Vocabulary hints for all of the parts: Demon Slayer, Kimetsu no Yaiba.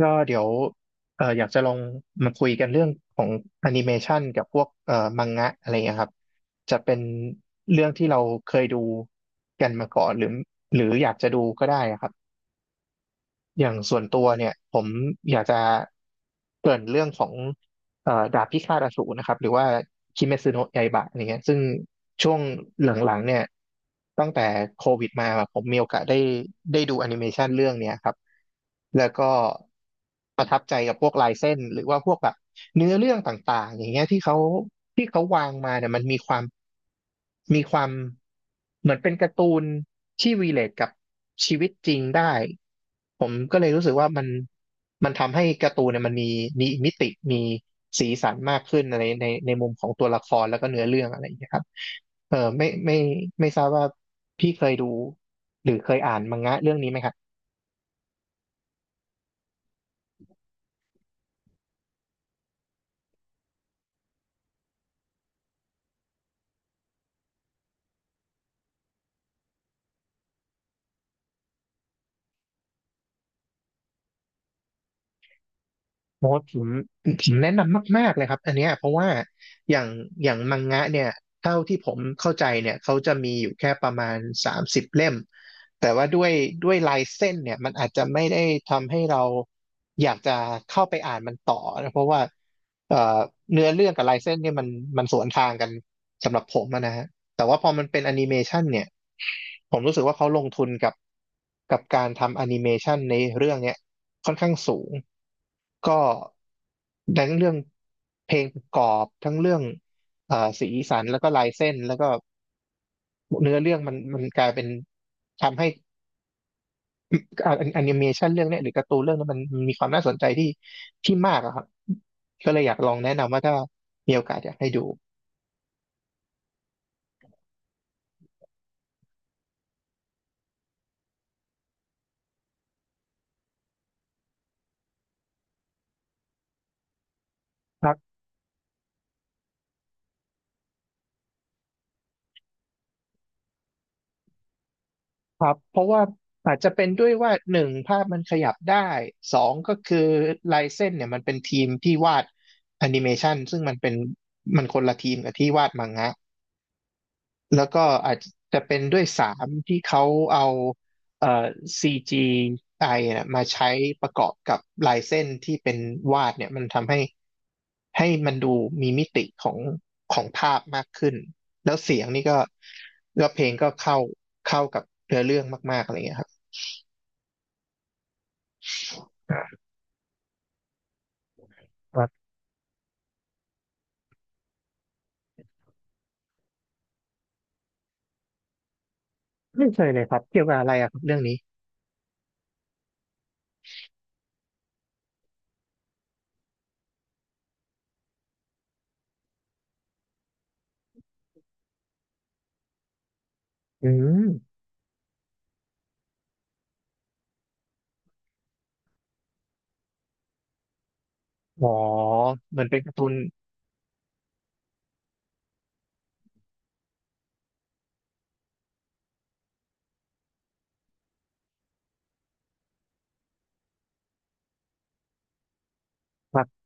ก็เดี๋ยวอยากจะลองมาคุยกันเรื่องของแอนิเมชันกับพวกมังงะอะไรเงี้ยครับจะเป็นเรื่องที่เราเคยดูกันมาก่อนหรืออยากจะดูก็ได้อะครับ อย่างส่วนตัวเนี่ยผมอยากจะเกริ่นเรื่องของดาบพิฆาตอสูรนะครับหรือว่าคิเมซึโนะไยบะอะไรเงี้ยซึ่งช่วงหลังๆเนี่ยตั้งแต่โควิดมาผมมีโอกาสได้ดูแอนิเมชันเรื่องเนี้ยครับแล้วก็ประทับใจกับพวกลายเส้นหรือว่าพวกแบบเนื้อเรื่องต่างๆอย่างเงี้ยที่เขาวางมาเนี่ยมันมีความเหมือนเป็นการ์ตูนที่วีเลทกับชีวิตจริงได้ผมก็เลยรู้สึกว่ามันทำให้การ์ตูนเนี่ยมันมีมิติมีสีสันมากขึ้นในมุมของตัวละครแล้วก็เนื้อเรื่องอะไรอย่างเงี้ยครับเออไม่ทราบว่าพี่เคยดูหรือเคยอ่านมังงะเรื่องนี้ไหมครับ โอ้ผมแนะนำมากๆเลยครับอันเนี้ยเพราะว่าอย่างอย่างมังงะเนี่ยเท่าที่ผมเข้าใจเนี่ยเขาจะมีอยู่แค่ประมาณ30 เล่มแต่ว่าด้วยลายเส้นเนี่ยมันอาจจะไม่ได้ทำให้เราอยากจะเข้าไปอ่านมันต่อนะเพราะว่าเอ่อเนื้อเรื่องกับลายเส้นเนี่ยมันสวนทางกันสำหรับผมอะนะฮะแต่ว่าพอมันเป็นแอนิเมชันเนี่ยผมรู้สึกว่าเขาลงทุนกับการทำแอนิเมชันในเรื่องเนี้ย ค่อนข้างสูงก็ทั้งเรื่องเพลงประกอบ ทั้งเรื่องสีสันแล้วก็ลายเส้น แล้วก็เนื้อเรื่องมันกลายเป็นทำให้แอนิเมชันเรื่องเนี้ยหรือการ์ตูนเรื่องนั้นมันมีความน่าสนใจที่มากอะครับก็เลยอยากลองแนะนำว่าถ้ามีโอกาสอยากให้ดู ครับเพราะว่าอาจจะเป็นด้วยว่าหนึ่งภาพมันขยับได้สองก็คือลายเส้นเนี่ยมันเป็นทีมที่วาดแอนิเมชันซึ่งมันคนละทีมกับที่วาดมังงะแล้วก็อาจจะเป็นด้วยสามที่เขาเอาเอ่อ CG อเนี่ยมาใช้ประกอบกับลายเส้นที่เป็นวาดเนี่ยมันทำให้มันดูมีมิติของภาพมากขึ้นแล้วเสียงนี่ก็เพลงก็เข้ากับเนื้อเรื่องมากๆอะไรเงี้ยครับ ครับไม่เคยเลยครับเกี่ยวกับอะไรอะครับเรื่องนี้อืมอ๋อเหมือนเป็นการ์ตูนครับ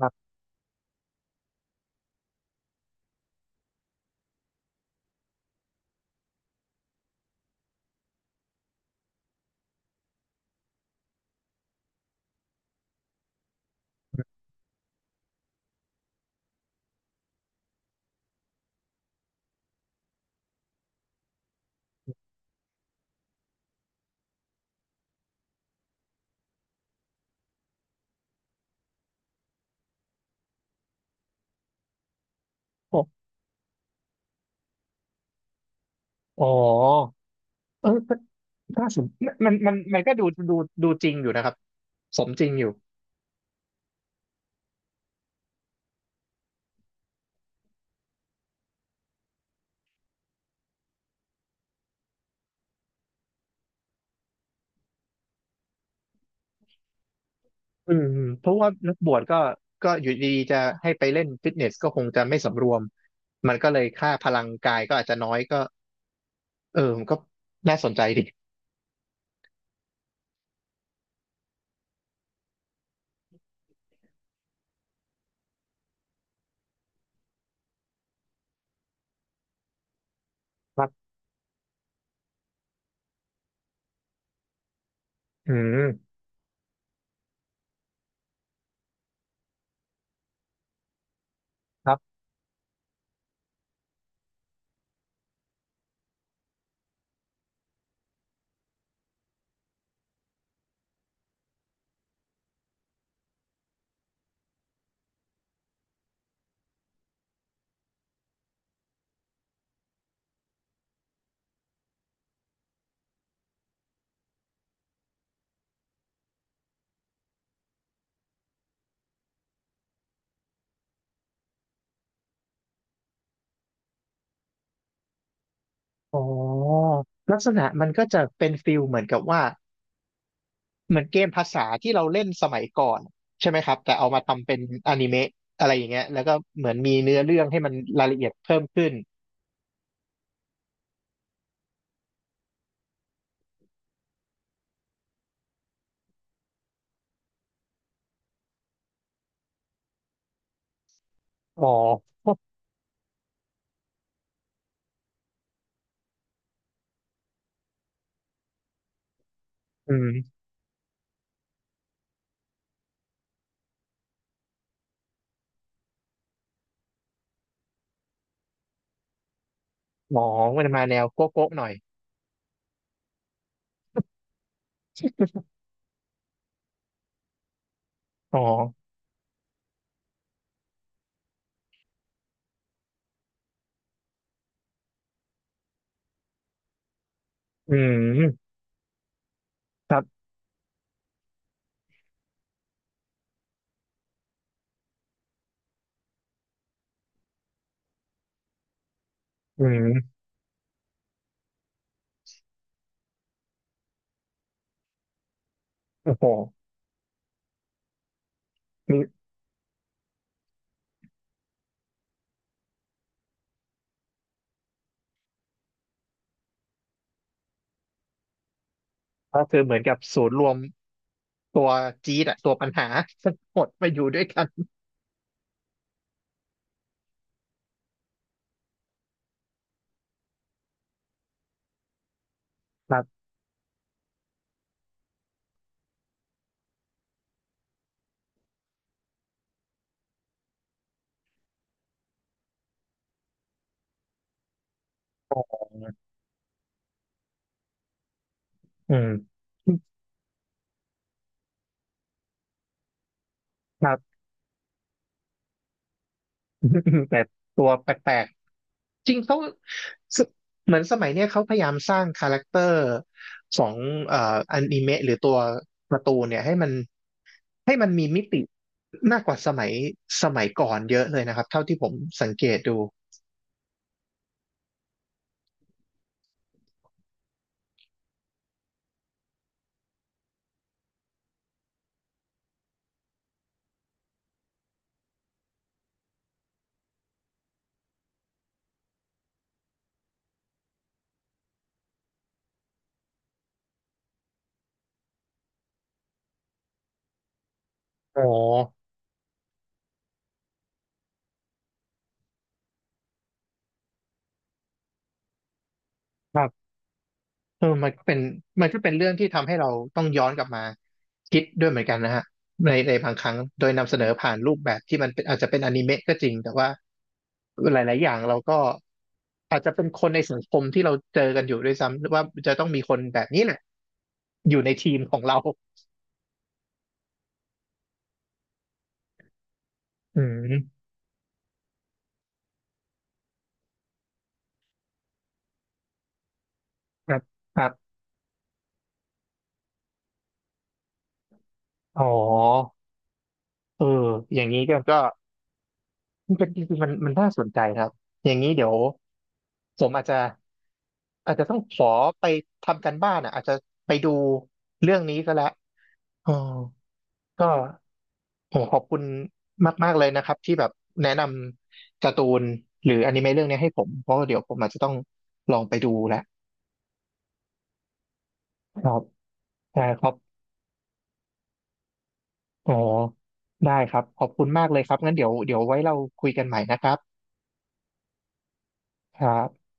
ครับโอ้อ๋อเออก็น่าสนมันก็ดูดูจริงอยู่นะครับสมจริงอยู่อืมอืมเพราะว่านักบวชก็ก็อยู่ดีๆจะให้ไปเล่นฟิตเนสก็คงจะไม่สำรวมมันก็เลยค่าพลังกายก็อาจจะน้อยก็เออมันก็น่าสนใจดีครับอืมครับอ๋อลักษณะมันก็จะเป็นฟิลเหมือนกับว่า เหมือนเกมภาษาที่เราเล่นสมัยก่อนใช่ไหมครับแต่เอามาทำเป็นอนิเมะอะไรอย่างเงี้ยแล้วก็เหมือนมีเนื้อเรื่องให้มันรายละเอียดเพิ่มขึ้นอ๋ออืมอ๋อมันมาแนวโก๊ะๆหน่อยอ๋ออืมครับอืมโอ้โหนี่ก็คือเหมือนกับศูนย์รวมตัวจี๊ดอะตัวปัญหาทั้งหมดมาอยู่ด้วยกันครับอ๋ออืมครับ แต่ตัวแปลกๆ จริงเขาสเหมือนสมัยเนี้ยเขาพยายามสร้างคาแรคเตอร์ของเอ่ออนิเมะหรือตัวการ์ตูนเนี่ยให้มันมีมิติมากกว่าสมัยก่อนเยอะเลยนะครับเท่าที่ผมสังเกตดูอ๋อครับเออมันก็เป็นเรื่องที่ทำให้เราต้องย้อนกลับมาคิดด้วยเหมือนกันนะฮะในในบางครั้งโดยนำเสนอผ่านรูปแบบที่มันเป็นอาจจะเป็นอนิเมะก็จริงแต่ว่า หลาย ๆอย่างเราก็อาจจะเป็นคนในสังคมที่เราเจอกันอยู่ด้วยซ้ำหรือว่าจะต้องมีคนแบบนี้แหละอยู่ในทีมของเราอืมครับครับอ๋อเอออย่างนี้ก็มันเป็นจริงๆมันมันน่าสนใจครับอย่างนี้เดี๋ยวผมอาจจะต้องขอไปทำการบ้านอ่ะอาจจะไปดูเรื่องนี้ก็แล้วอ๋อก็ โอ้ขอบคุณมากๆเลยนะครับที่แบบแนะนำการ์ตูนหรืออนิเมะเรื่องนี้ให้ผมเพราะว่าเดี๋ยวผมอาจจะต้องลองไปดูแหละครับได้ครับอ๋อได้ครับขอบคุณมากเลยครับงั้นเดี๋ยวไว้เราคุยกันใหม่นะครับครับ